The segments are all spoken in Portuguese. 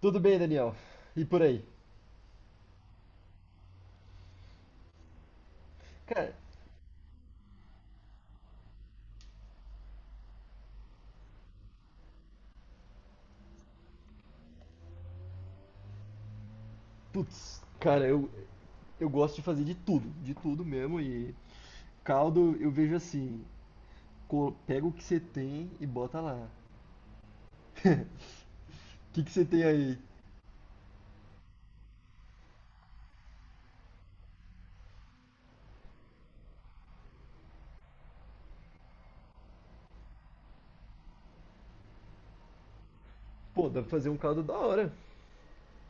Tudo bem, Daniel? E por aí? Cara, putz, cara, eu gosto de fazer de tudo mesmo. E caldo eu vejo assim: pega o que você tem e bota lá. O que que você tem aí? Pô, dá pra fazer um caldo da hora.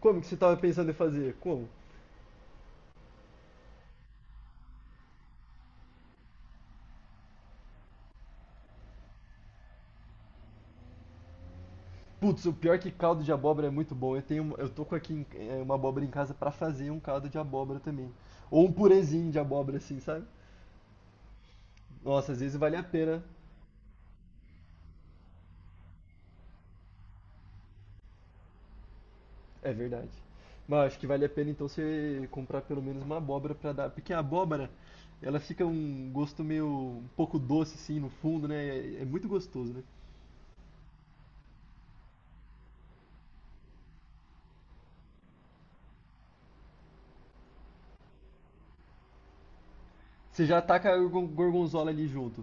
Como que você tava pensando em fazer? Como? Putz, o pior é que caldo de abóbora é muito bom. Eu tenho, uma- eu tô com aqui em- é, uma abóbora em casa pra fazer um caldo de abóbora também. Ou um purezinho de abóbora, assim, sabe? Nossa, às vezes vale a pena. É verdade. Mas acho que vale a pena então você comprar pelo menos uma abóbora pra dar, porque ela fica um gosto meio um pouco doce assim no fundo, né? É, é muito gostoso, né? Você já taca a gorgonzola ali junto,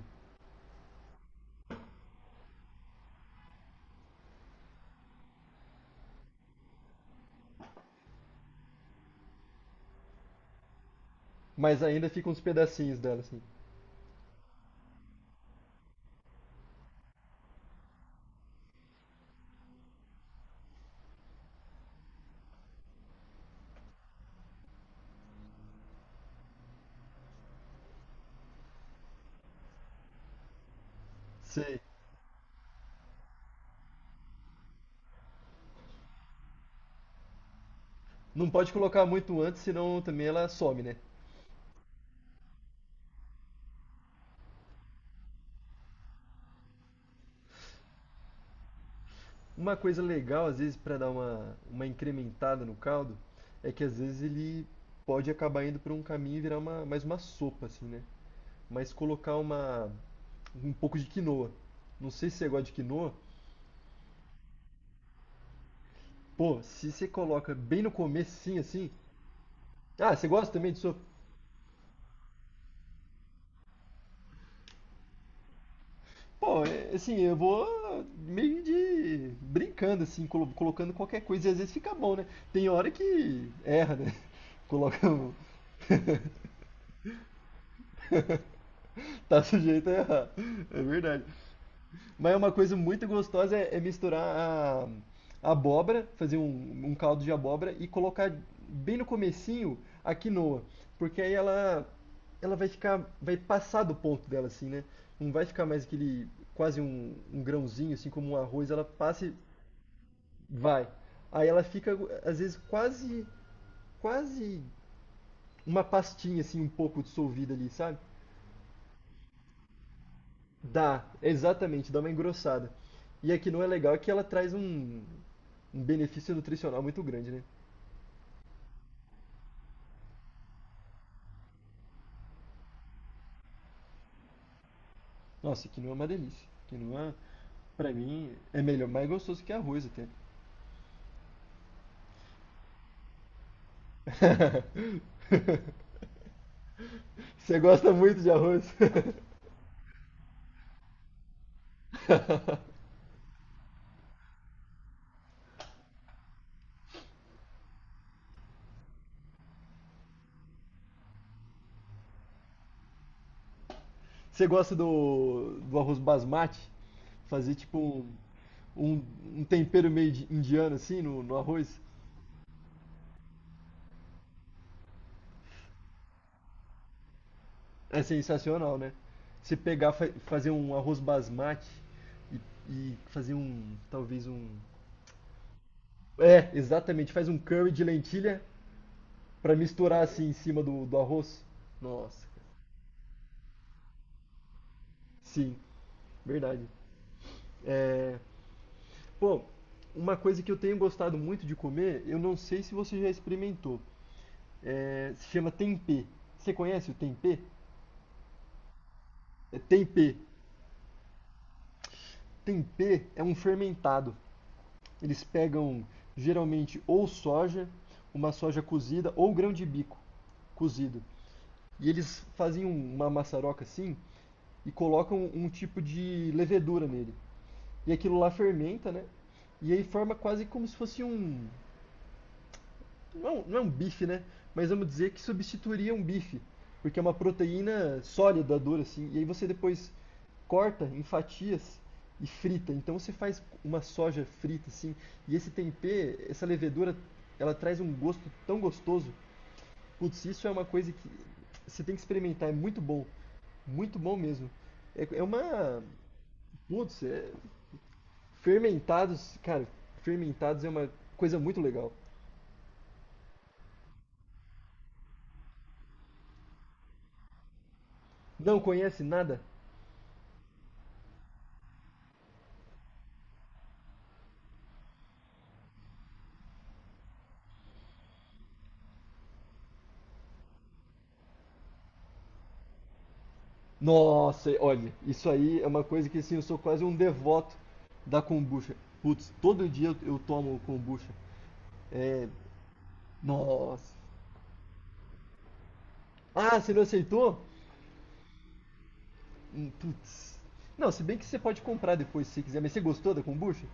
mas ainda fica uns pedacinhos dela assim. Sei. Não pode colocar muito antes, senão também ela some, né? Uma coisa legal às vezes para dar uma incrementada no caldo é que às vezes ele pode acabar indo pra um caminho e virar mais uma sopa assim, né? Mas colocar uma um pouco de quinoa. Não sei se você gosta de quinoa. Pô, se você coloca bem no comecinho assim. Ah, você gosta também disso. Pô, é, assim, eu vou meio de brincando assim, colocando qualquer coisa e às vezes fica bom, né? Tem hora que erra, né? Coloca um... Tá sujeito a errar. É verdade. Mas é uma coisa muito gostosa é, é misturar a abóbora, fazer um caldo de abóbora e colocar bem no comecinho a quinoa, porque aí ela vai ficar, vai passar do ponto dela assim, né? Não vai ficar mais aquele quase um grãozinho assim como um arroz, ela passa e vai. Aí ela fica às vezes quase uma pastinha assim um pouco dissolvida ali, sabe? Dá, exatamente, dá uma engrossada. E a quinoa é legal é que ela traz um benefício nutricional muito grande, né? Nossa, quinoa é uma delícia. Quinoa, pra mim, é melhor, mais gostoso que arroz até. Você gosta muito de arroz? Você gosta do, do arroz basmati? Fazer tipo um, um tempero meio indiano assim no, no arroz? É sensacional, né? Se pegar, fazer um arroz basmati e, e fazer um, talvez um. É, exatamente, faz um curry de lentilha pra misturar assim em cima do, do arroz. Nossa, cara. Sim, verdade. É, pô, uma coisa que eu tenho gostado muito de comer, eu não sei se você já experimentou. É, se chama tempê. Você conhece o tempê? É tempê. Tempê é um fermentado. Eles pegam geralmente ou soja, uma soja cozida, ou grão de bico cozido. E eles fazem uma maçaroca assim e colocam um tipo de levedura nele. E aquilo lá fermenta, né? E aí forma quase como se fosse um. Não é um, não é um bife, né? Mas vamos dizer que substituiria um bife. Porque é uma proteína sólida, dura, assim. E aí você depois corta em fatias e frita. Então você faz uma soja frita assim, e esse tempê, essa levedura, ela traz um gosto tão gostoso. Putz, isso é uma coisa que você tem que experimentar, é muito bom. Muito bom mesmo. É, é uma. Putz, é- Fermentados, cara, fermentados é uma coisa muito legal. Não conhece nada? Nossa, olha, isso aí é uma coisa que assim, eu sou quase um devoto da kombucha. Putz, todo dia eu tomo kombucha. É, nossa. Ah, você não aceitou? Putz. Não, se bem que você pode comprar depois se você quiser, mas você gostou da kombucha?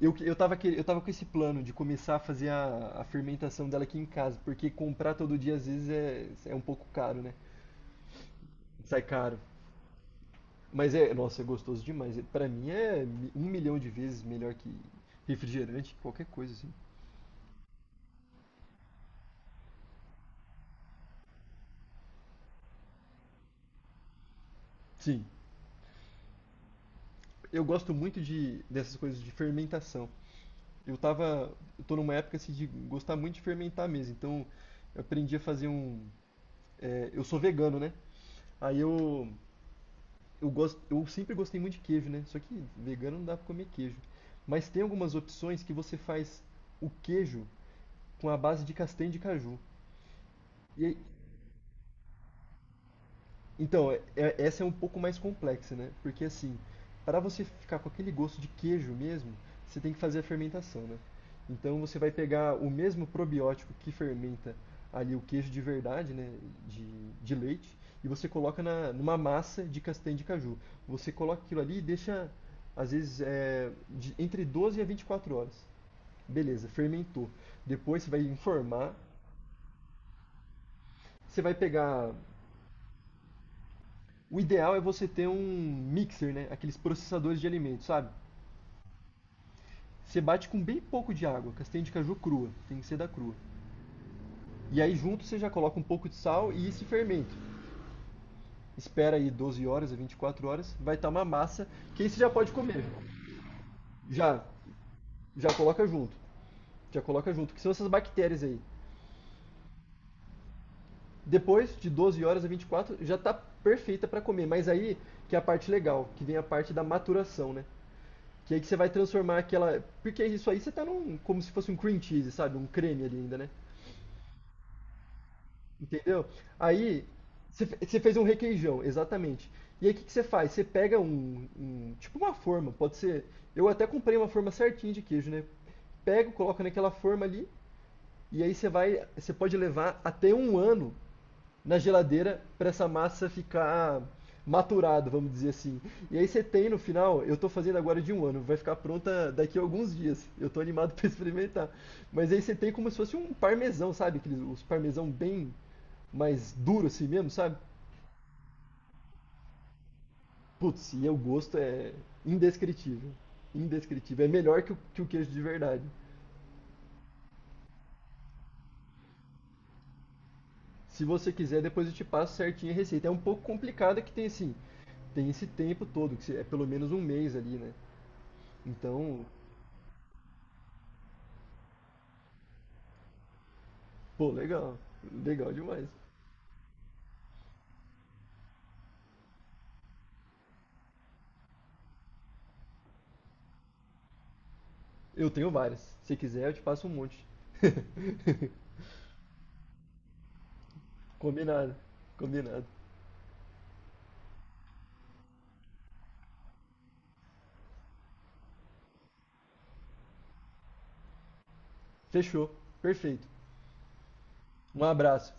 Eu, que- eu tava, quer- eu tava com esse plano de começar a fazer a fermentação dela aqui em casa, porque comprar todo dia às vezes é, é um pouco caro, né? Sai caro. Mas é, nossa, é gostoso demais. Pra mim é um milhão de vezes melhor que refrigerante, qualquer coisa assim. Sim, eu gosto muito de dessas coisas de fermentação. Eu tô numa época assim, de gostar muito de fermentar mesmo, então eu aprendi a fazer eu sou vegano, né? Aí eu gosto, eu sempre gostei muito de queijo, né? Só que vegano não dá pra comer queijo. Mas tem algumas opções que você faz o queijo com a base de castanha de caju. E aí, então, essa é um pouco mais complexa, né? Porque assim, para você ficar com aquele gosto de queijo mesmo, você tem que fazer a fermentação, né? Então você vai pegar o mesmo probiótico que fermenta ali o queijo de verdade, né? De, de leite, e você coloca numa massa de castanha de caju. Você coloca aquilo ali e deixa, às vezes, entre 12 a 24 horas. Beleza, fermentou. Depois você vai informar. Você vai pegar. O ideal é você ter um mixer, né? Aqueles processadores de alimentos, sabe? Você bate com bem pouco de água, castanha de caju crua, tem que ser da crua. E aí junto você já coloca um pouco de sal e esse fermento. Espera aí 12 horas a 24 horas, vai estar uma massa que aí você já pode comer. Já, já coloca junto. Já coloca junto, que são essas bactérias aí. Depois de 12 horas a 24 já tá perfeita para comer, mas aí que é a parte legal, que vem a parte da maturação, né? Que aí que você vai transformar aquela. Porque isso aí você tá num. Como se fosse um cream cheese, sabe? Um creme ali ainda, né? Entendeu? Aí. Você fez um requeijão, exatamente. E aí o que que você faz? Você pega tipo uma forma, pode ser. Eu até comprei uma forma certinha de queijo, né? Pega, coloca naquela forma ali. E aí você vai. Você pode levar até um ano na geladeira para essa massa ficar maturada, vamos dizer assim. E aí você tem no final, eu tô fazendo agora de um ano, vai ficar pronta daqui a alguns dias. Eu tô animado para experimentar. Mas aí você tem como se fosse um parmesão, sabe? Aqueles, os parmesão bem mais duro assim mesmo, sabe? Putz, e o gosto é indescritível. Indescritível. É melhor que que o queijo de verdade. Se você quiser, depois eu te passo certinho a receita. É um pouco complicada que tem assim, tem esse tempo todo, que é pelo menos um mês ali, né? Então, pô, legal. Legal demais. Eu tenho várias. Se quiser, eu te passo um monte. Combinado. Combinado. Fechou. Perfeito. Um abraço.